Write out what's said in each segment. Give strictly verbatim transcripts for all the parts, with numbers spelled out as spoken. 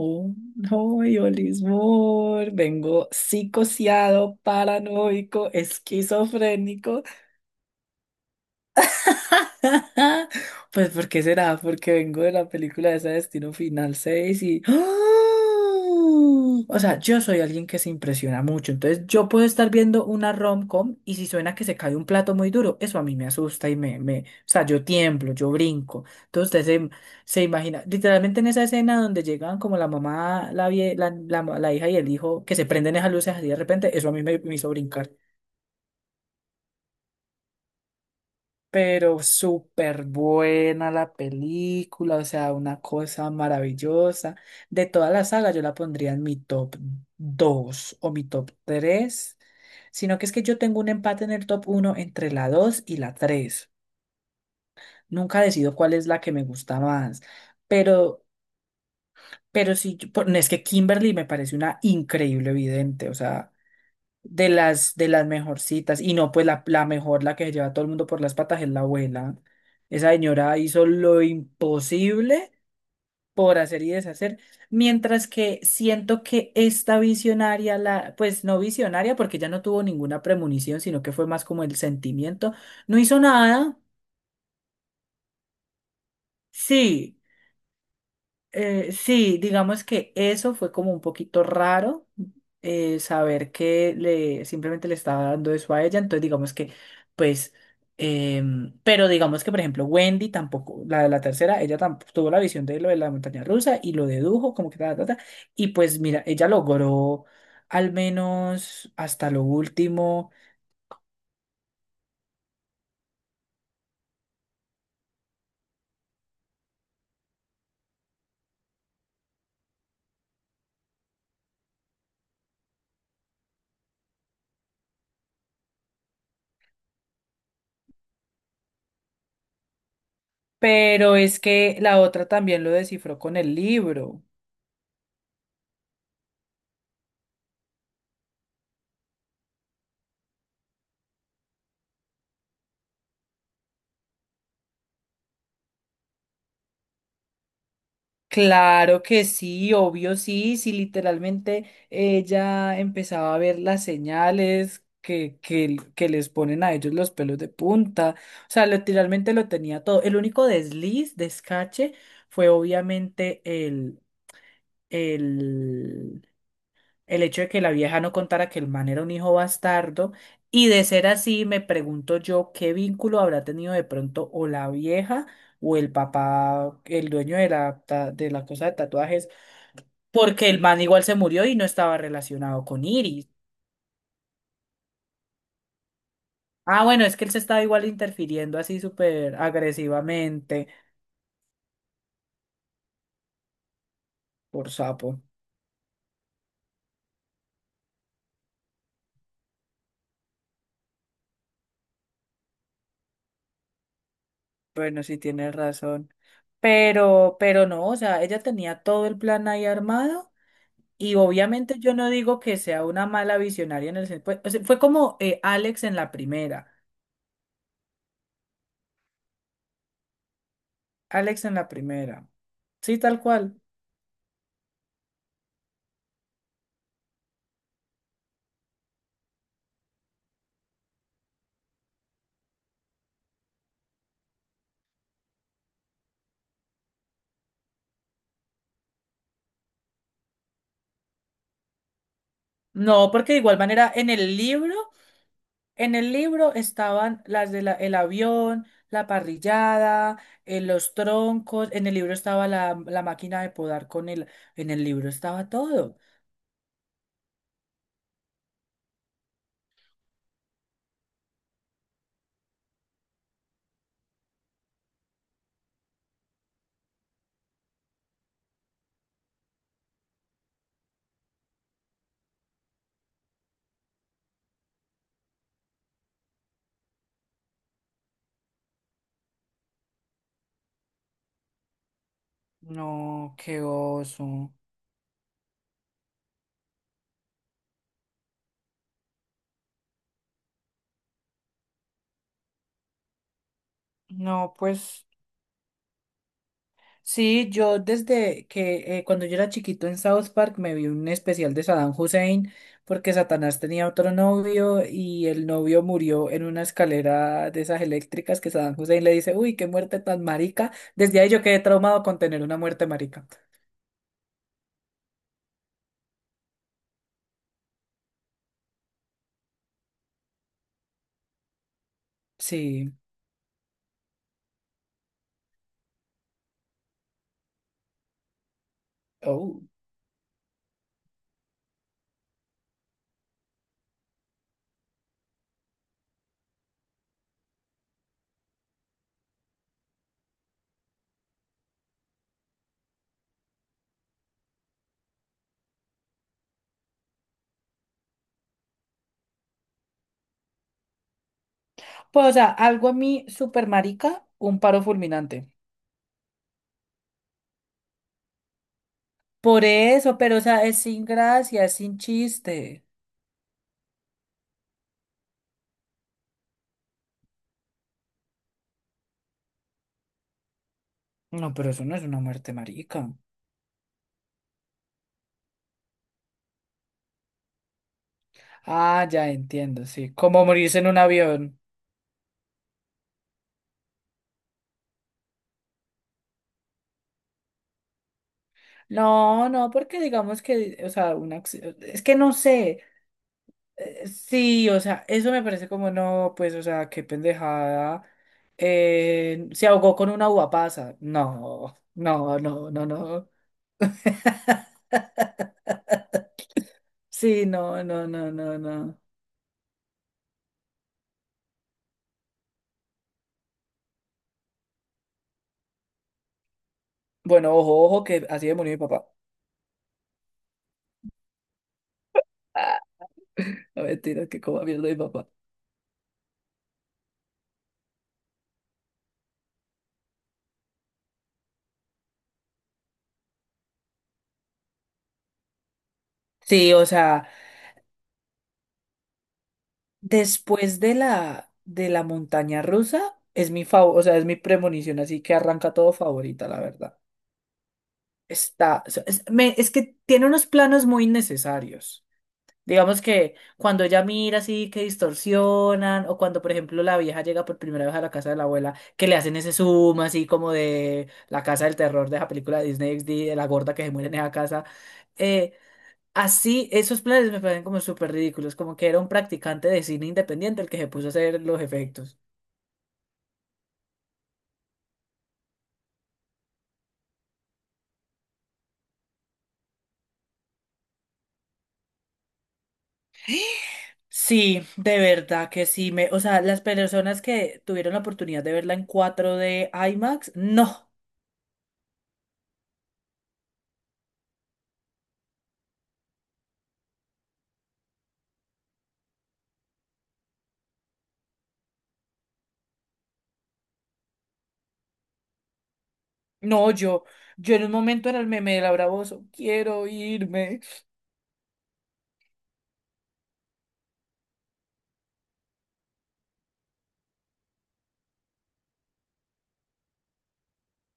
Oh, no, yo, Lismor, vengo psicoseado, paranoico, esquizofrénico. Pues, ¿por qué será? Porque vengo de la película de ese Destino Final seis y... ¡Ah! O sea, yo soy alguien que se impresiona mucho, entonces yo puedo estar viendo una rom-com y si suena que se cae un plato muy duro, eso a mí me asusta y me, me... O sea, yo tiemblo, yo brinco. Entonces usted se, se imagina, literalmente en esa escena donde llegan como la mamá, la, vie- la, la, la hija y el hijo, que se prenden esas luces así de repente, eso a mí me me hizo brincar. Pero súper buena la película, o sea, una cosa maravillosa. De toda la saga yo la pondría en mi top dos o mi top tres, sino que es que yo tengo un empate en el top uno entre la dos y la tres. Nunca decido cuál es la que me gusta más, pero, pero sí, yo- por- no, es que Kimberly me parece una increíble vidente, o sea, de las, de las mejorcitas. Y no, pues la, la mejor, la que se lleva a todo el mundo por las patas es la abuela. Esa señora hizo lo imposible por hacer y deshacer. Mientras que siento que esta visionaria, la, pues no visionaria, porque ya no tuvo ninguna premonición, sino que fue más como el sentimiento, no hizo nada. Sí. Eh, sí, digamos que eso fue como un poquito raro, eh, saber que le simplemente le estaba dando eso a ella. Entonces, digamos que, pues, em, pero digamos que, por ejemplo, Wendy tampoco, la de la tercera, ella tampoco tuvo la visión de lo de la montaña rusa y lo dedujo, como que ta, ta, ta. Y pues, mira, ella logró al menos hasta lo último, pero es que la otra también lo descifró con el libro. Claro que sí, obvio sí, sí, literalmente ella empezaba a ver las señales que, que, que les ponen a ellos los pelos de punta, o sea, literalmente lo tenía todo. El único desliz, descache, fue obviamente el, el, el hecho de que la vieja no contara que el man era un hijo bastardo, y de ser así, me pregunto yo qué vínculo habrá tenido de pronto o la vieja o el papá, el dueño de la, ta- de la cosa de tatuajes, porque el man igual se murió y no estaba relacionado con Iris. Ah, bueno, es que él se estaba igual interfiriendo así súper agresivamente por sapo. Bueno, sí tienes razón. Pero, pero no, o sea, ella tenía todo el plan ahí armado y obviamente yo no digo que sea una mala visionaria en el sentido, o sea, fue como eh, Alex en la primera, Alex en la primera. Sí, tal cual. No, porque de igual manera en el libro. En el libro estaban las de la- el avión, la parrillada, eh, los troncos, en el libro estaba la, la máquina de podar con el, en el libro estaba todo. No, qué oso. No, pues sí, yo desde que eh, cuando yo era chiquito en South Park me vi un especial de Saddam Hussein porque Satanás tenía otro novio y el novio murió en una escalera de esas eléctricas, que Saddam Hussein le dice, uy, qué muerte tan marica. Desde ahí yo quedé traumado con tener una muerte marica. Sí. Oh. Pues, o sea, algo a mí super marica, un paro fulminante. Por eso, pero o sea, es sin gracia, es sin chiste. No, pero eso no es una muerte marica. Ah, ya entiendo, sí. Como morirse en un avión. No, no, porque digamos que, o sea, un acci- es que no sé. Eh, Sí, o sea, eso me parece como no, pues, o sea, qué pendejada. Eh, se ahogó con una uva pasa. No, no, no, no, no. Sí, no, no, no, no, no. Bueno, ojo, ojo, que así de murió mi papá. Ah, no, mentira, que como mierda mi papá. Sí, o sea. Después de la, de la montaña rusa, es mi favor, o sea, es mi premonición, así que arranca todo favorita, la verdad. Está, o sea, es, me- es que tiene unos planos muy innecesarios. Digamos que cuando ella mira así que distorsionan, o cuando, por ejemplo, la vieja llega por primera vez a la casa de la abuela, que le hacen ese zoom así como de la casa del terror de la película de Disney X D, de la gorda que se muere en esa casa. eh, Así, esos planes me parecen como súper ridículos, como que era un practicante de cine independiente el que se puso a hacer los efectos. Sí, de verdad que sí. Me, o sea, las personas que tuvieron la oportunidad de verla en cuatro d IMAX, no, no, yo, yo en un momento era el meme de Laura Bozzo, quiero irme.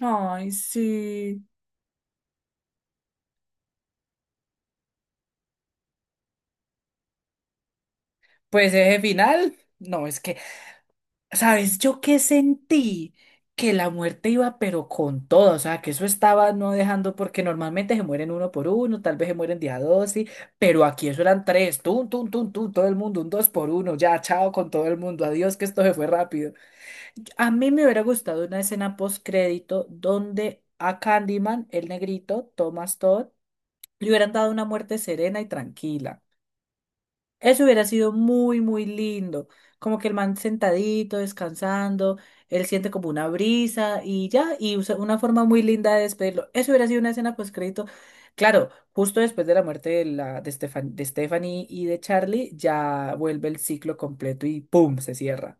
Ay, sí. Pues ese final, no, es que... ¿Sabes yo qué sentí? Que la muerte iba pero con todo, o sea, que eso estaba no dejando, porque normalmente se mueren uno por uno, tal vez se mueren día dos, sí, pero aquí eso eran tres, tum, tum, tum, tum, todo el mundo, un dos por uno, ya, chao con todo el mundo, adiós, que esto se fue rápido. A mí me hubiera gustado una escena postcrédito donde a Candyman, el negrito, Thomas Todd, le hubieran dado una muerte serena y tranquila. Eso hubiera sido muy, muy lindo. Como que el man sentadito, descansando, él siente como una brisa y ya, y usa- una forma muy linda de despedirlo. Eso hubiera sido una escena pues crédito. Claro, justo después de la muerte de, la, de, Stefan- de Stephanie y de Charlie, ya vuelve el ciclo completo y ¡pum! Se cierra.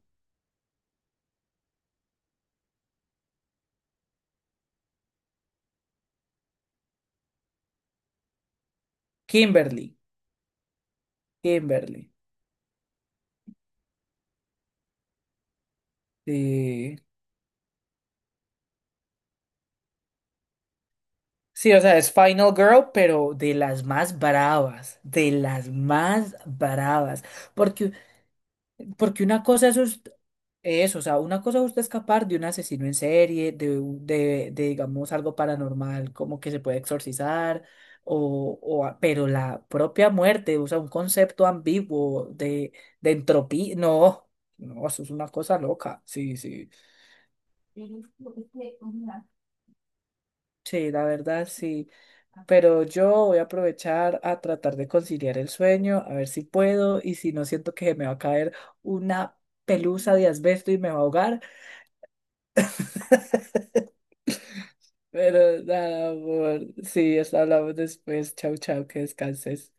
Kimberly, Kimberly. Sí. Sí, o sea, es Final Girl, pero de las más bravas, de las más bravas. Porque porque una cosa es us- eso, o sea, una cosa es usted escapar de un asesino en serie, de, un- de, de, digamos, algo paranormal, como que se puede exorcizar, o, o, a- pero la propia muerte, o sea, un concepto ambiguo de, de entropía, no, no, eso es una cosa loca, sí, sí, sí, la verdad, sí, pero yo voy a aprovechar a tratar de conciliar el sueño, a ver si puedo, y si no siento que me va a caer una pelusa de asbesto y me va a ahogar. Pero nada, amor. Sí, eso hablamos después. Chau, chau, que descanses.